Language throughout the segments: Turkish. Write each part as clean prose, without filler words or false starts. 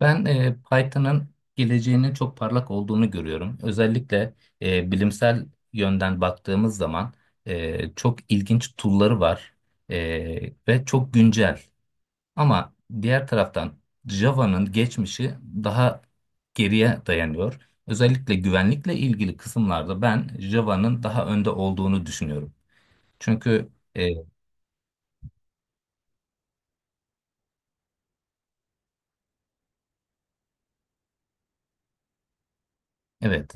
Ben Python'ın geleceğinin çok parlak olduğunu görüyorum. Özellikle bilimsel yönden baktığımız zaman çok ilginç tool'ları var ve çok güncel. Ama diğer taraftan Java'nın geçmişi daha geriye dayanıyor. Özellikle güvenlikle ilgili kısımlarda ben Java'nın daha önde olduğunu düşünüyorum. Çünkü e, evet.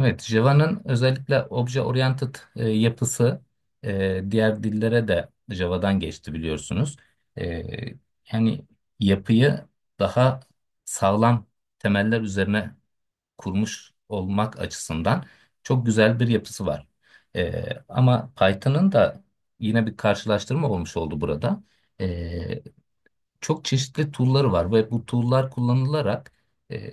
Evet, Java'nın özellikle obje oriented yapısı diğer dillere de Java'dan geçti biliyorsunuz. E, yani yapıyı daha sağlam temeller üzerine kurmuş olmak açısından çok güzel bir yapısı var. E, ama Python'ın da yine bir karşılaştırma olmuş oldu burada. E, çok çeşitli tool'ları var ve bu tool'lar kullanılarak e,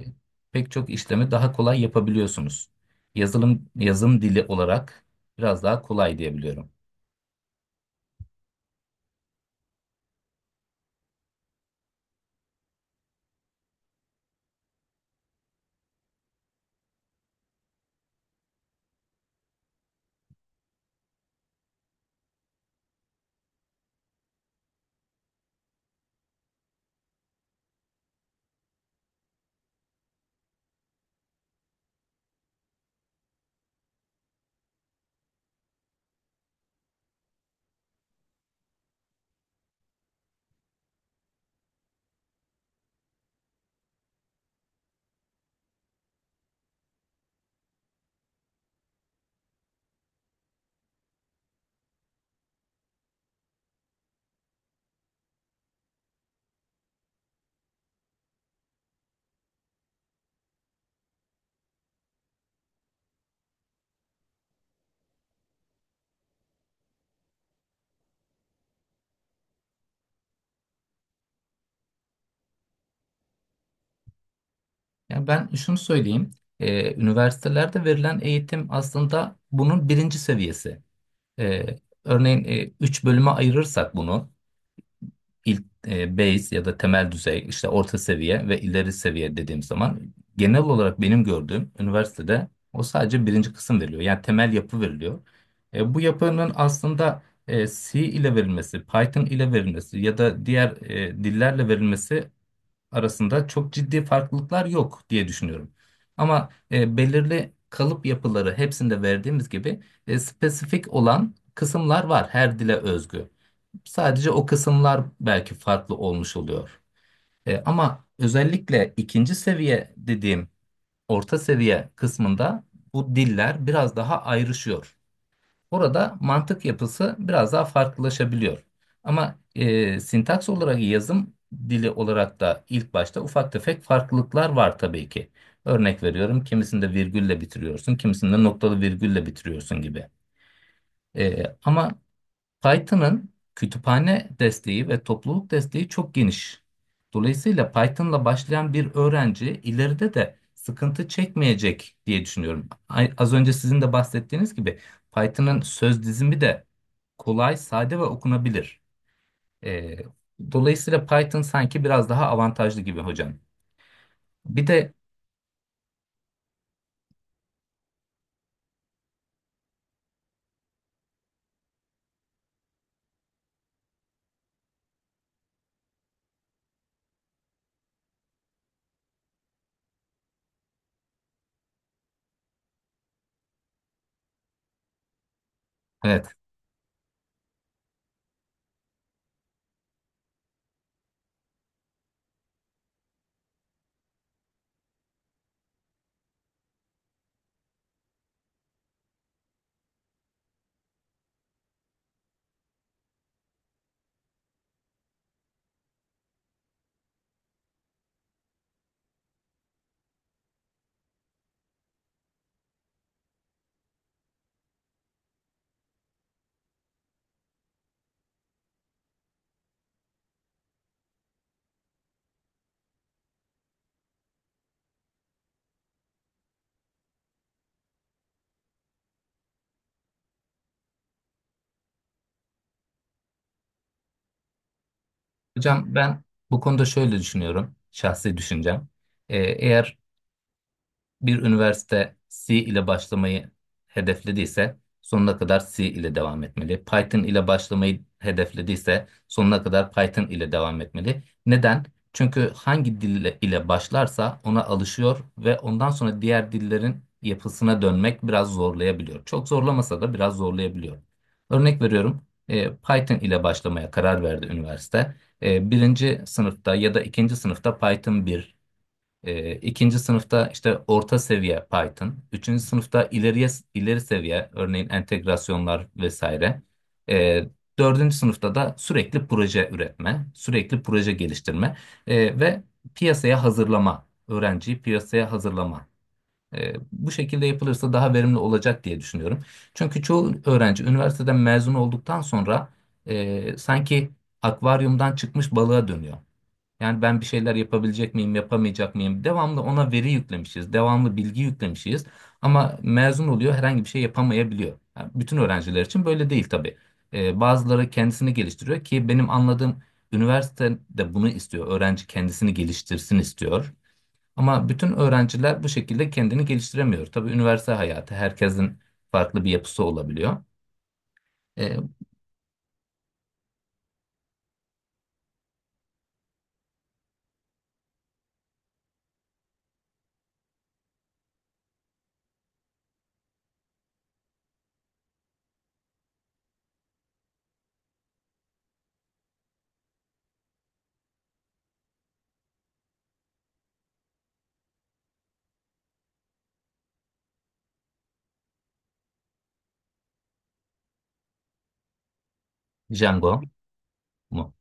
pek çok işlemi daha kolay yapabiliyorsunuz. Yazılım yazım dili olarak biraz daha kolay diyebiliyorum. Yani ben şunu söyleyeyim, üniversitelerde verilen eğitim aslında bunun birinci seviyesi. E, örneğin 3 bölüme ayırırsak bunu. İlk base ya da temel düzey işte orta seviye ve ileri seviye dediğim zaman genel olarak benim gördüğüm üniversitede o sadece birinci kısım veriliyor. Yani temel yapı veriliyor. Bu yapının aslında C ile verilmesi, Python ile verilmesi ya da diğer dillerle verilmesi arasında çok ciddi farklılıklar yok diye düşünüyorum. Ama belirli kalıp yapıları hepsinde verdiğimiz gibi spesifik olan kısımlar var her dile özgü. Sadece o kısımlar belki farklı olmuş oluyor. Ama özellikle ikinci seviye dediğim orta seviye kısmında bu diller biraz daha ayrışıyor. Orada mantık yapısı biraz daha farklılaşabiliyor. Ama sintaks olarak yazım dili olarak da ilk başta ufak tefek farklılıklar var tabii ki. Örnek veriyorum kimisinde virgülle bitiriyorsun, kimisinde noktalı virgülle bitiriyorsun gibi. Ama Python'ın kütüphane desteği ve topluluk desteği çok geniş. Dolayısıyla Python'la başlayan bir öğrenci ileride de sıkıntı çekmeyecek diye düşünüyorum. Az önce sizin de bahsettiğiniz gibi Python'ın söz dizimi de kolay, sade ve okunabilir. Ee, dolayısıyla Python sanki biraz daha avantajlı gibi hocam. Bir de evet hocam ben bu konuda şöyle düşünüyorum, şahsi düşüncem. Eğer bir üniversite C ile başlamayı hedeflediyse sonuna kadar C ile devam etmeli. Python ile başlamayı hedeflediyse sonuna kadar Python ile devam etmeli. Neden? Çünkü hangi dil ile başlarsa ona alışıyor ve ondan sonra diğer dillerin yapısına dönmek biraz zorlayabiliyor. Çok zorlamasa da biraz zorlayabiliyor. Örnek veriyorum, Python ile başlamaya karar verdi üniversite. Birinci sınıfta ya da ikinci sınıfta Python 1, ikinci sınıfta işte orta seviye Python. Üçüncü sınıfta ileri seviye örneğin entegrasyonlar vesaire. E, dördüncü sınıfta da sürekli proje üretme, sürekli proje geliştirme ve piyasaya hazırlama, öğrenciyi piyasaya hazırlama. Bu şekilde yapılırsa daha verimli olacak diye düşünüyorum. Çünkü çoğu öğrenci üniversiteden mezun olduktan sonra sanki akvaryumdan çıkmış balığa dönüyor. Yani ben bir şeyler yapabilecek miyim, yapamayacak mıyım? Devamlı ona veri yüklemişiz, devamlı bilgi yüklemişiz. Ama mezun oluyor, herhangi bir şey yapamayabiliyor. Yani bütün öğrenciler için böyle değil tabii. Bazıları kendisini geliştiriyor ki benim anladığım üniversite de bunu istiyor. Öğrenci kendisini geliştirsin istiyor. Ama bütün öğrenciler bu şekilde kendini geliştiremiyor. Tabii üniversite hayatı herkesin farklı bir yapısı olabiliyor. Ee, Django mu?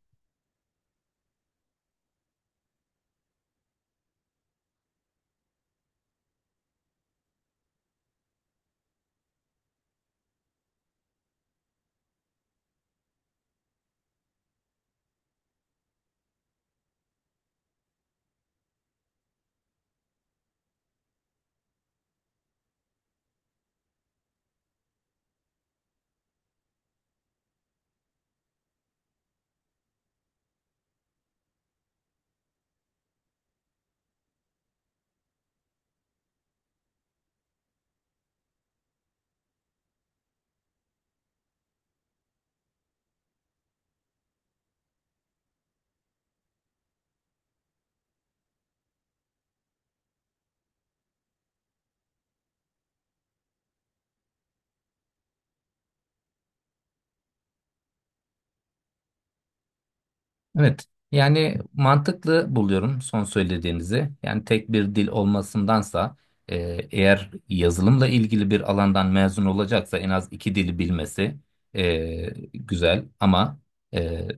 Evet. Yani mantıklı buluyorum son söylediğinizi. Yani tek bir dil olmasındansa e, eğer yazılımla ilgili bir alandan mezun olacaksa en az iki dili bilmesi e, güzel. Ama e,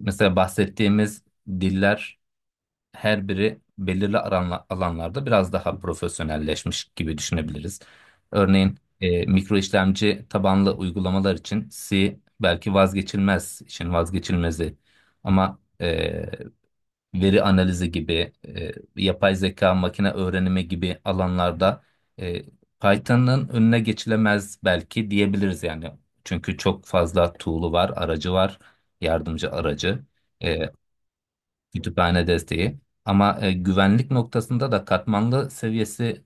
mesela bahsettiğimiz diller her biri belirli alanlarda biraz daha profesyonelleşmiş gibi düşünebiliriz. Örneğin mikro işlemci tabanlı uygulamalar için C belki vazgeçilmez, işin vazgeçilmezi. Ama veri analizi gibi, yapay zeka, makine öğrenimi gibi alanlarda e, Python'ın önüne geçilemez belki diyebiliriz yani. Çünkü çok fazla tool'u var, aracı var, yardımcı aracı. E, kütüphane desteği. Ama güvenlik noktasında da katmanlı seviyesi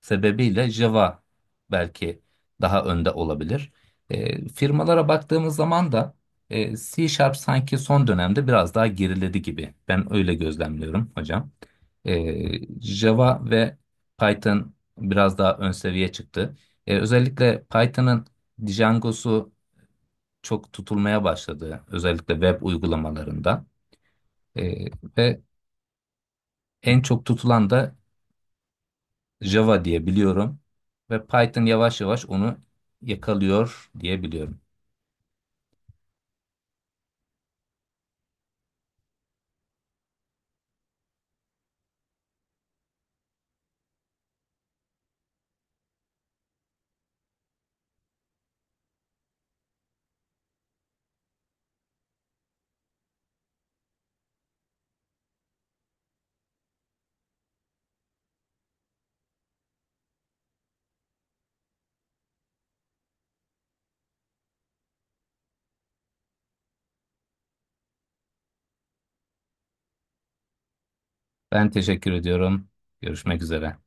sebebiyle Java belki daha önde olabilir. Firmalara baktığımız zaman da C Sharp sanki son dönemde biraz daha geriledi gibi. Ben öyle gözlemliyorum hocam. Java ve Python biraz daha ön seviye çıktı. Özellikle Python'ın Django'su çok tutulmaya başladı. Özellikle web uygulamalarında. E, ve en çok tutulan da Java diye biliyorum ve Python yavaş yavaş onu yakalıyor diye biliyorum. Ben teşekkür ediyorum. Görüşmek üzere.